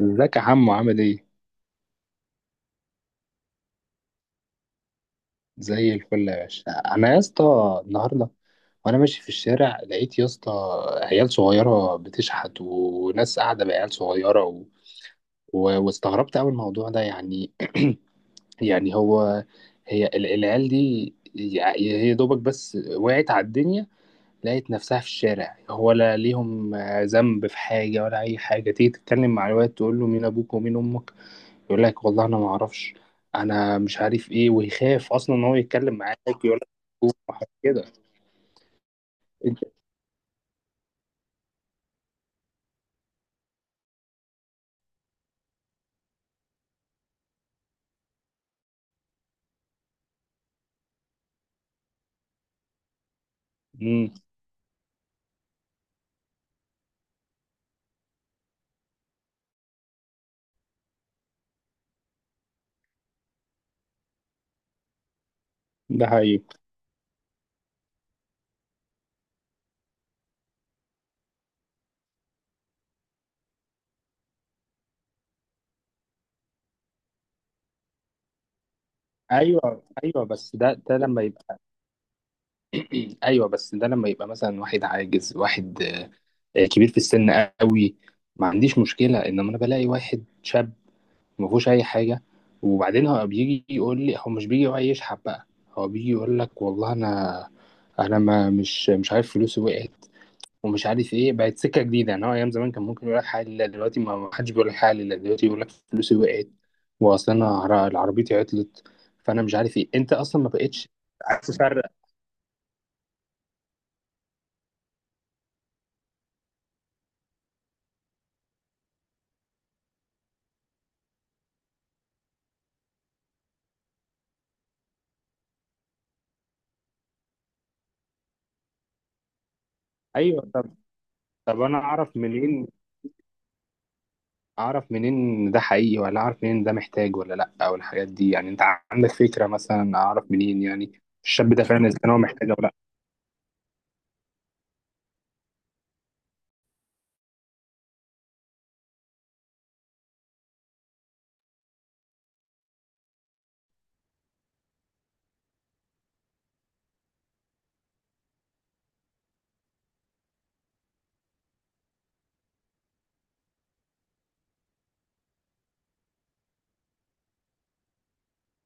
ازيك يا حمو، عامل ايه؟ زي الفل يا باشا. انا يا اسطى النهارده وانا ماشي في الشارع لقيت، يا اسطى، عيال صغيره بتشحت، وناس قاعده بعيال صغيره، و... واستغربت قوي الموضوع ده يعني. يعني هو، هي العيال دي هي دوبك بس وقعت على الدنيا، لقيت نفسها في الشارع. هو لا ليهم ذنب في حاجه ولا اي حاجه. تيجي تتكلم مع الواد، تقول له مين ابوك ومين امك، يقول لك والله انا ما اعرفش، انا مش عارف ايه، ويخاف اصلا ان هو يتكلم معاك. يقول لك وحاجات كده. انت. امم ده حقيقي. ايوه ايوه، بس ده لما يبقى. ايوه بس ده لما يبقى مثلا واحد عاجز، واحد كبير في السن قوي، ما عنديش مشكله. انما انا بلاقي واحد شاب ما فيهوش اي حاجه، وبعدين هو بيجي يقول لي، هو مش بيجي يقعد يشحب بقى، هو بيجي يقول لك والله انا، انا ما مش مش عارف فلوسي وقعت ومش عارف ايه. بقت سكه جديده يعني. هو ايام زمان كان ممكن يقول لك حاجه لله، دلوقتي ما حدش بيقول لك حاجه لله، دلوقتي يقول لك فلوسي وقعت، واصل انا عربيتي عطلت. فانا مش عارف ايه، انت اصلا ما بقتش عارف تفرق. ايوه. طب، انا اعرف منين؟ اعرف منين إن ده حقيقي، ولا اعرف منين ده محتاج ولا لا، او الحاجات دي يعني؟ انت عندك فكره مثلا اعرف منين يعني الشاب ده فعلا اذا كان هو محتاج او لا؟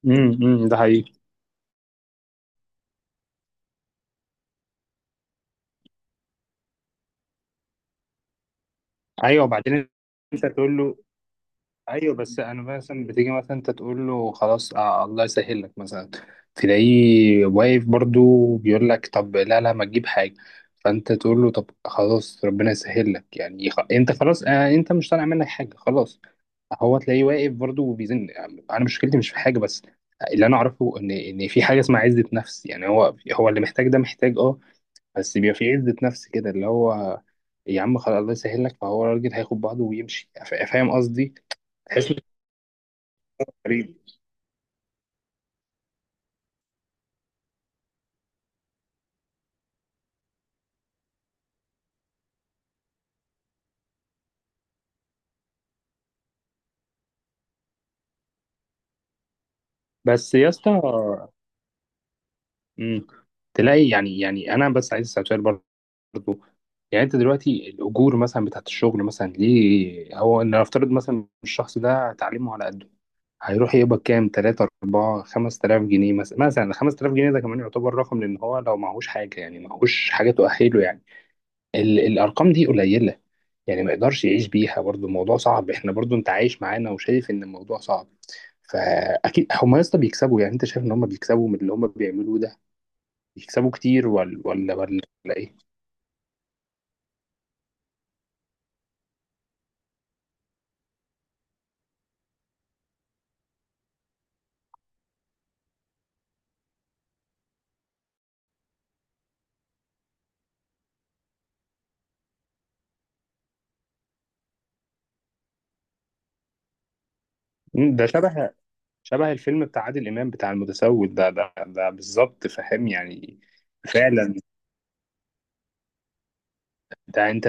أمم، ده حقيقي. ايوه وبعدين انت تقول له؟ ايوه بس انا مثلا بتيجي مثلا انت تقول له خلاص، الله يسهل لك مثلا، تلاقيه واقف برضو بيقول لك، طب لا لا، ما تجيب حاجه. فانت تقول له طب خلاص، ربنا يسهل لك يعني، انت خلاص، انت مش طالع منك حاجه، خلاص. هو تلاقيه واقف برضو وبيزن. انا مشكلتي مش في حاجه، بس اللي انا اعرفه ان في حاجه اسمها عزه نفس. يعني هو هو اللي محتاج ده محتاج، اه، بس بيبقى في عزه نفس كده اللي هو، يا عم خلاص الله يسهل لك، فهو الراجل هياخد بعضه ويمشي. فاهم قصدي؟ تحس. حبيبي. بس يا اسطى، مم، تلاقي يعني انا بس عايز اسال سؤال برضه. يعني انت دلوقتي الاجور مثلا بتاعت الشغل مثلا، ليه هو ان نفترض مثلا الشخص ده تعليمه على قده، هيروح يقبض كام؟ 3، 4، 5000 جنيه مثلا، 5000 جنيه ده كمان يعتبر رقم، لان هو لو معهوش حاجه يعني، معهوش حاجه تؤهله يعني. الارقام دي قليله يعني، ما يقدرش يعيش بيها برضو، الموضوع صعب. احنا برضو، انت عايش معانا وشايف ان الموضوع صعب. فاكيد هم يا اسطى بيكسبوا. يعني انت شايف ان هم بيكسبوا من اللي هم بيعملوه ده، بيكسبوا كتير ولا ايه؟ ده شبه، الفيلم بتاع عادل امام بتاع المتسول ده، بالظبط، فاهم يعني. فعلا. ده انت.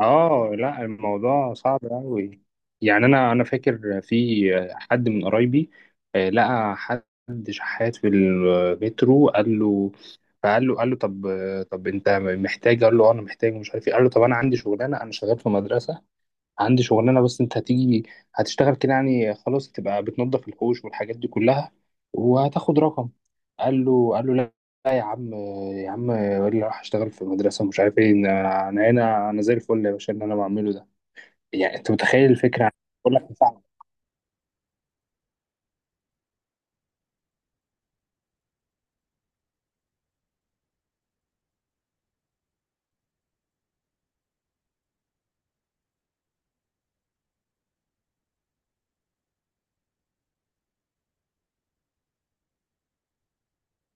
اه لا، الموضوع صعب قوي. يعني انا فاكر في حد من قرايبي، لقى حد شحات في المترو، قال له طب، طب انت محتاج؟ قال له انا محتاج مش عارف ايه. قال له طب انا عندي شغلانه، انا شغال في مدرسه، عندي شغلانه، بس انت هتيجي هتشتغل كده يعني، خلاص تبقى بتنظف الحوش والحاجات دي كلها وهتاخد رقم. قال له لا، لا يا عم، يا عم اللي راح اشتغل في المدرسه مش عارف ايه، انا هنا، انا زي الفل يا باشا اللي انا بعمله ده. يعني انت متخيل الفكره؟ بقول لك اه،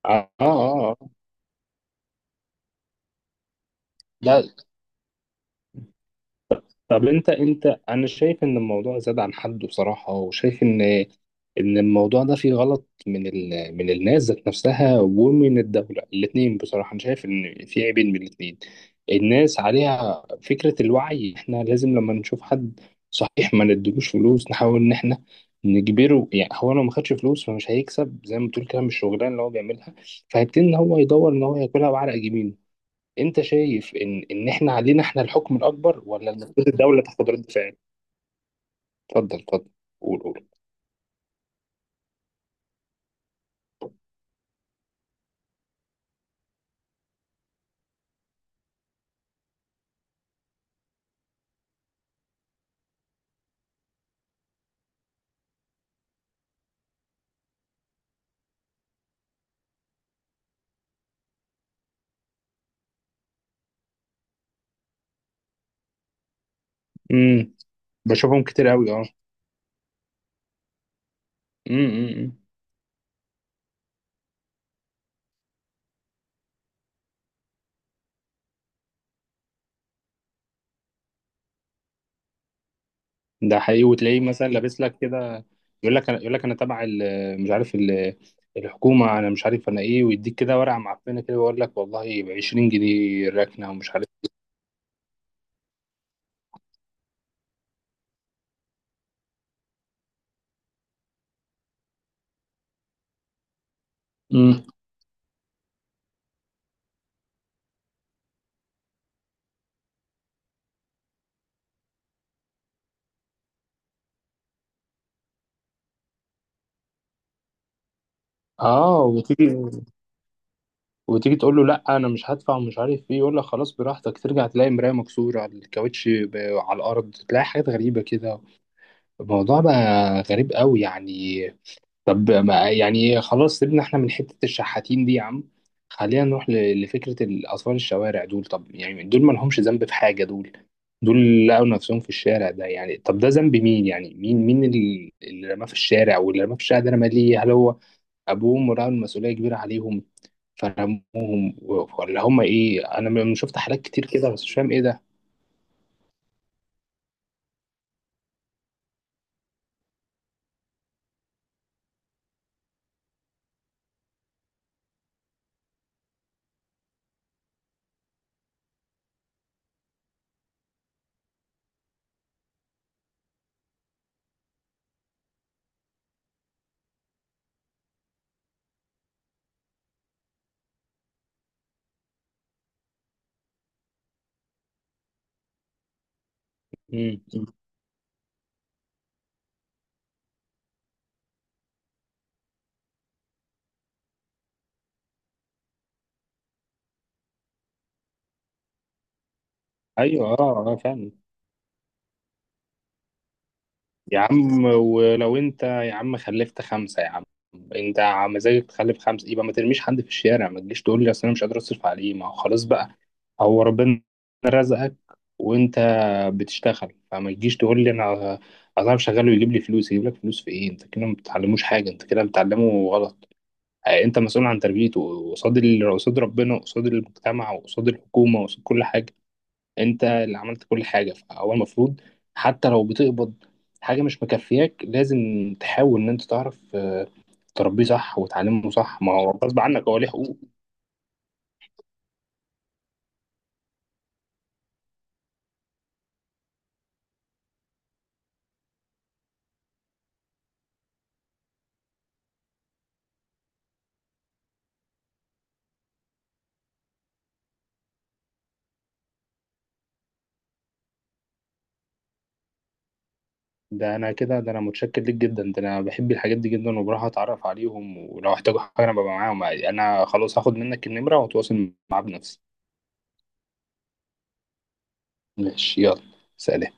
اه، اه، آه. لا. طب انت، انا شايف ان الموضوع زاد عن حده بصراحه، وشايف ان الموضوع ده فيه غلط من من الناس ذات نفسها ومن الدوله الاثنين بصراحه. انا شايف ان في عيبين من الاثنين. الناس عليها فكره الوعي، احنا لازم لما نشوف حد صحيح ما ندلوش فلوس، نحاول ان احنا نجبره. يعني هو لو ما خدش فلوس فمش هيكسب زي ما بتقول كده، مش الشغلانه اللي هو بيعملها، فهيبتدي ان هو يدور ان هو ياكلها بعرق جبينه. انت شايف ان احنا علينا احنا الحكم الاكبر، ولا المفروض الدوله تاخد رد فعل؟ اتفضل اتفضل. قول قول. امم بشوفهم كتير قوي، اه. امم ده حقيقي. وتلاقيه مثلا لابس لك كده، يقول لك انا تبع مش عارف الحكومه، انا مش عارف انا ايه، ويديك كده ورقه معفنه كده، ويقول لك والله ب 20 جنيه الركنه ومش عارف. امم اه، وتيجي، تقول له لا، انا مش هدفع ومش عارف ايه، يقول لك خلاص براحتك. ترجع تلاقي مرايه مكسوره على الكاوتش، على الارض، تلاقي حاجات غريبه كده. الموضوع بقى غريب قوي يعني. طب ما يعني خلاص، سيبنا احنا من حتة الشحاتين دي يا عم، خلينا نروح لفكرة الأطفال الشوارع دول. طب يعني دول ما لهمش ذنب في حاجة. دول لقوا نفسهم في الشارع ده يعني. طب ده ذنب مين؟ يعني مين، اللي رماه في الشارع؟ واللي رماه في الشارع ده رماه ليه؟ هل هو أبوهم ورأوا المسؤولية كبيرة عليهم فرموهم، ولا هم إيه؟ أنا شفت حالات كتير كده بس مش فاهم إيه ده. مم. أيوه، أه أه، فاهم. يا عم، ولو انت يا عم خلفت خمسة يا عم، انت مزاجك تخلف خمسة، يبقى ما ترميش حد في الشارع. ما تجيش تقول لي اصل انا مش قادر اصرف عليه. ما هو خلاص بقى، هو ربنا رزقك، وانت بتشتغل، فما تجيش تقول لي انا، شغال ويجيب لي فلوس. يجيب لك فلوس في ايه؟ انت كده ما بتعلموش حاجة، انت كده بتعلمه غلط. اه، انت مسؤول عن تربيته، قصاد قصاد ربنا، قصاد المجتمع، وقصاد الحكومة، وقصاد كل حاجة. انت اللي عملت كل حاجه، فهو المفروض حتى لو بتقبض حاجه مش مكفياك، لازم تحاول ان انت تعرف تربيه صح وتعلمه صح، ما هو غصب عنك، هو ليه حقوق. ده انا متشكر ليك جدا، ده انا بحب الحاجات دي جدا، وبروح اتعرف عليهم، ولو احتاجوا حاجه انا ببقى معاهم. انا خلاص هاخد منك النمره واتواصل معاه بنفسي. ماشي، يلا. سلام.